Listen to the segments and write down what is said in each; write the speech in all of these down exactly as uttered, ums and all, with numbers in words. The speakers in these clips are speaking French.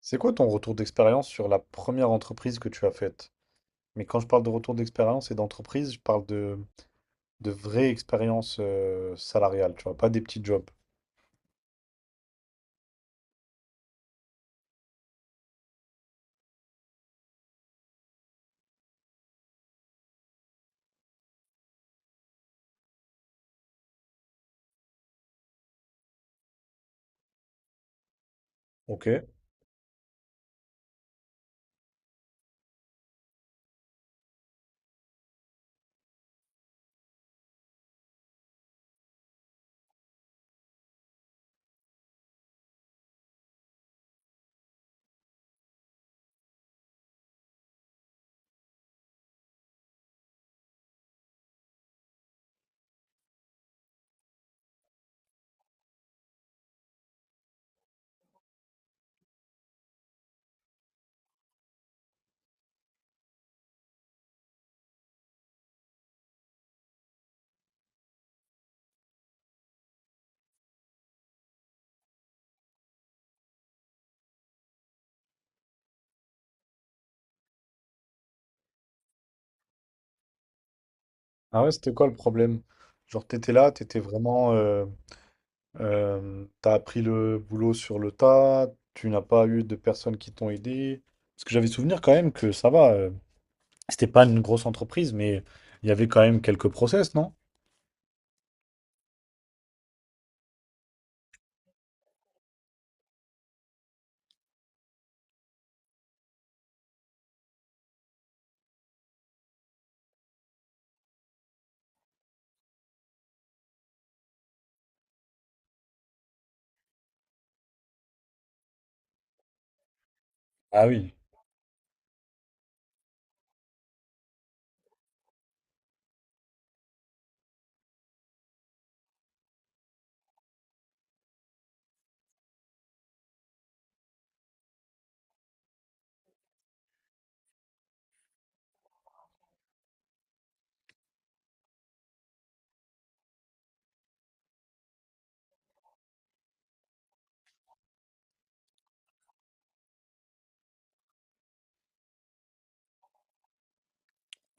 C'est quoi ton retour d'expérience sur la première entreprise que tu as faite? Mais quand je parle de retour d'expérience et d'entreprise, je parle de, de vraie expérience euh, salariale, tu vois, pas des petits jobs. Ok. Ah ouais, c'était quoi le problème? Genre, t'étais là, t'étais vraiment. Euh, euh, t'as appris le boulot sur le tas, tu n'as pas eu de personnes qui t'ont aidé. Parce que j'avais souvenir quand même que ça va, euh, c'était pas une grosse entreprise, mais il y avait quand même quelques process, non? Ah oui.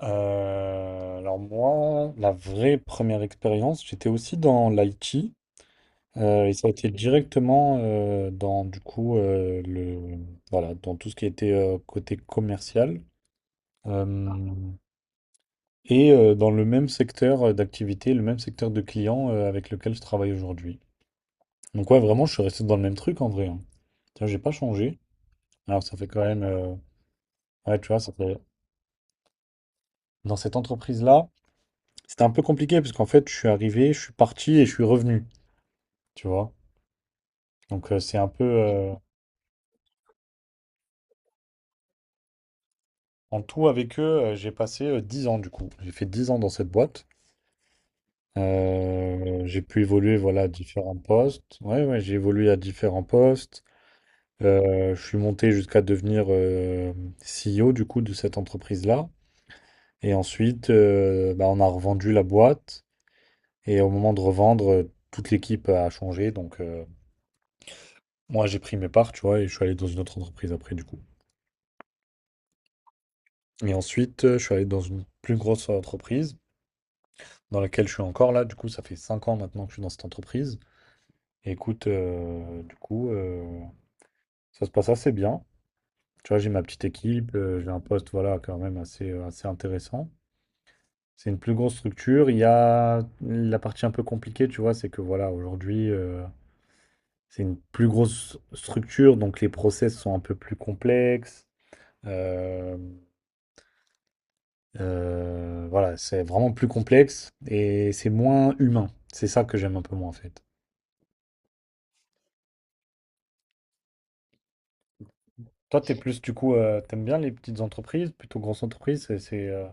Euh, alors moi, la vraie première expérience, j'étais aussi dans l'I T, euh, et ça a été directement euh, dans du coup euh, le Voilà, dans tout ce qui était euh, côté commercial. Euh, et euh, dans le même secteur euh, d'activité, le même secteur de clients euh, avec lequel je travaille aujourd'hui. Donc ouais, vraiment, je suis resté dans le même truc en vrai, hein. Tiens, j'ai pas changé. Alors ça fait quand même euh, ouais, tu vois, ça fait, dans cette entreprise-là, c'était un peu compliqué parce qu'en fait, je suis arrivé, je suis parti et je suis revenu, tu vois. Donc euh, c'est un peu... euh, En tout, avec eux, euh, j'ai passé euh, dix ans du coup. J'ai fait dix ans dans cette boîte. Euh, j'ai pu évoluer, voilà, à différents postes. Ouais, ouais, j'ai évolué à différents postes. Euh, je suis monté jusqu'à devenir euh, C E O du coup de cette entreprise-là. Et ensuite, euh, bah, on a revendu la boîte. Et au moment de revendre, euh, toute l'équipe a changé. Donc euh, moi, j'ai pris mes parts, tu vois, et je suis allé dans une autre entreprise après du coup. Et ensuite, euh, je suis allé dans une plus grosse entreprise dans laquelle je suis encore là. Du coup, ça fait cinq ans maintenant que je suis dans cette entreprise. Et écoute, euh, du coup, euh, ça se passe assez bien. Tu vois, j'ai ma petite équipe, euh, j'ai un poste, voilà, quand même assez, euh, assez intéressant. C'est une plus grosse structure. Il y a la partie un peu compliquée, tu vois, c'est que voilà, aujourd'hui, euh, c'est une plus grosse structure, donc les process sont un peu plus complexes. Euh, euh, voilà, c'est vraiment plus complexe et c'est moins humain. C'est ça que j'aime un peu moins en fait. Toi, t'es plus du coup, euh, t'aimes bien les petites entreprises, plutôt grosses entreprises, c'est, c'est, euh,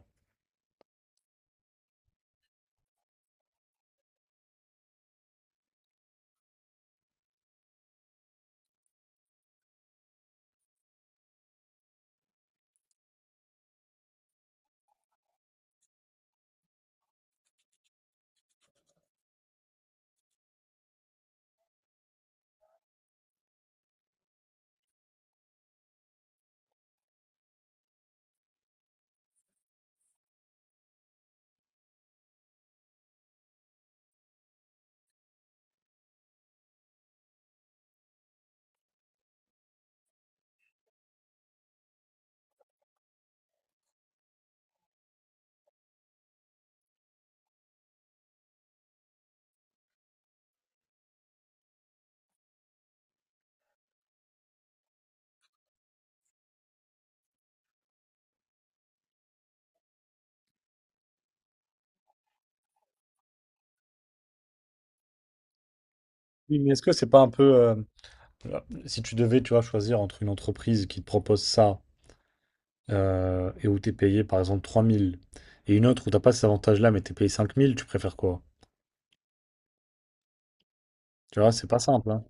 oui, mais est-ce que c'est pas un peu, euh, voilà, si tu devais, tu vois, choisir entre une entreprise qui te propose ça, euh, et où t'es payé par exemple trois mille et une autre où t'as pas cet avantage-là mais t'es payé cinq mille, tu préfères quoi? Tu vois, c'est pas simple, hein.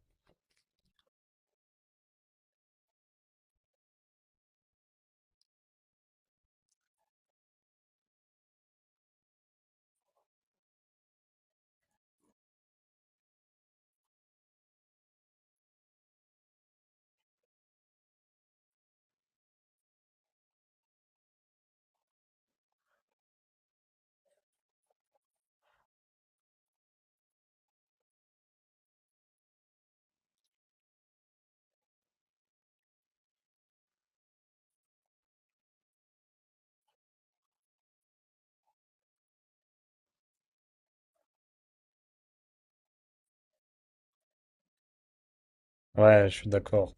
Ouais, je suis d'accord.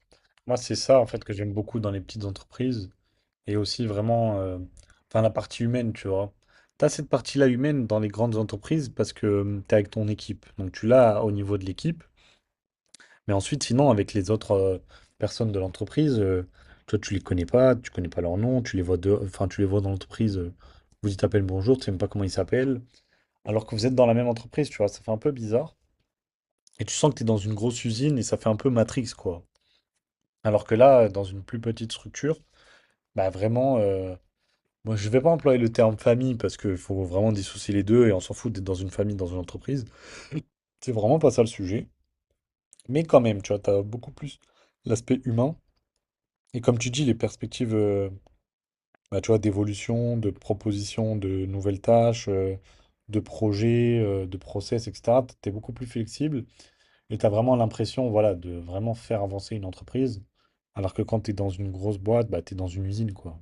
Moi, c'est ça en fait que j'aime beaucoup dans les petites entreprises et aussi vraiment, euh, enfin la partie humaine, tu vois. T'as cette partie-là humaine dans les grandes entreprises parce que tu t'es avec ton équipe, donc tu l'as au niveau de l'équipe. Mais ensuite, sinon, avec les autres euh, personnes de l'entreprise, euh, toi, tu les connais pas, tu connais pas leur nom, tu les vois de... enfin, tu les vois dans l'entreprise, euh, vous dites à bonjour, tu sais même pas comment ils s'appellent, alors que vous êtes dans la même entreprise, tu vois, ça fait un peu bizarre. Et tu sens que tu es dans une grosse usine et ça fait un peu Matrix, quoi. Alors que là, euh, dans une plus petite structure, bah vraiment, euh, moi, je vais pas employer le terme famille parce qu'il faut vraiment dissocier les deux et on s'en fout d'être dans une famille, dans une entreprise. C'est vraiment pas ça le sujet. Mais quand même, tu vois, t'as beaucoup plus l'aspect humain. Et comme tu dis, les perspectives, euh, bah, tu vois, d'évolution, de proposition, de nouvelles tâches, euh, de projets, euh, de process, et cetera, tu es beaucoup plus flexible et tu as vraiment l'impression, voilà, de vraiment faire avancer une entreprise. Alors que quand tu es dans une grosse boîte, bah, tu es dans une usine, quoi.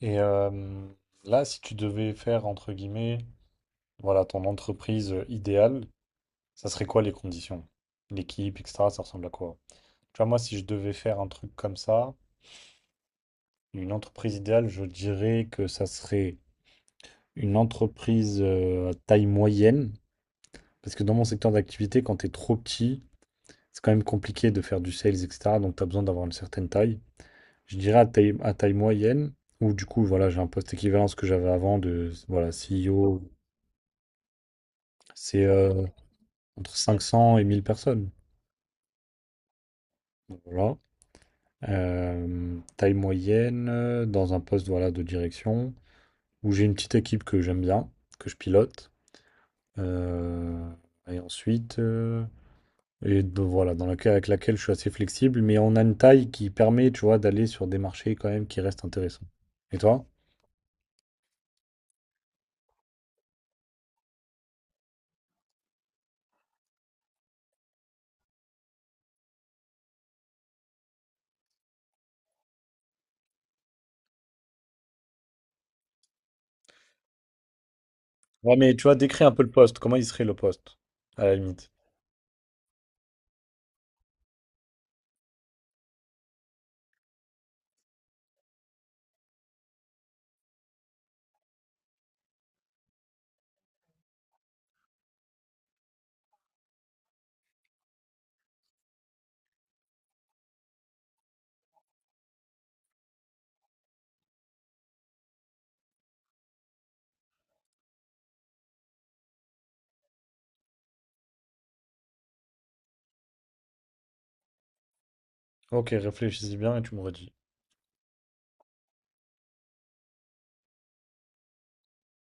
Et euh, là, si tu devais faire, entre guillemets, voilà, ton entreprise euh, idéale, ça serait quoi les conditions? L'équipe, et cetera, ça ressemble à quoi? Tu vois, moi, si je devais faire un truc comme ça, une entreprise idéale, je dirais que ça serait une entreprise euh, à taille moyenne. Parce que dans mon secteur d'activité, quand tu es trop petit, c'est quand même compliqué de faire du sales, et cetera. Donc tu as besoin d'avoir une certaine taille. Je dirais à taille, à taille moyenne, où du coup, voilà, j'ai un poste équivalent à ce que j'avais avant de voilà, C E O. C'est euh, entre cinq cents et mille personnes. Donc, voilà. Euh, taille moyenne, euh, dans un poste voilà, de direction, où j'ai une petite équipe que j'aime bien, que je pilote. Euh, et ensuite, euh, et de- voilà, dans laquelle, avec laquelle je suis assez flexible, mais on a une taille qui permet, tu vois, d'aller sur des marchés quand même qui restent intéressants. Et toi? Ouais, mais tu vois, décris un peu le poste. Comment il serait le poste, à la limite? Ok, réfléchis-y bien et tu me redis.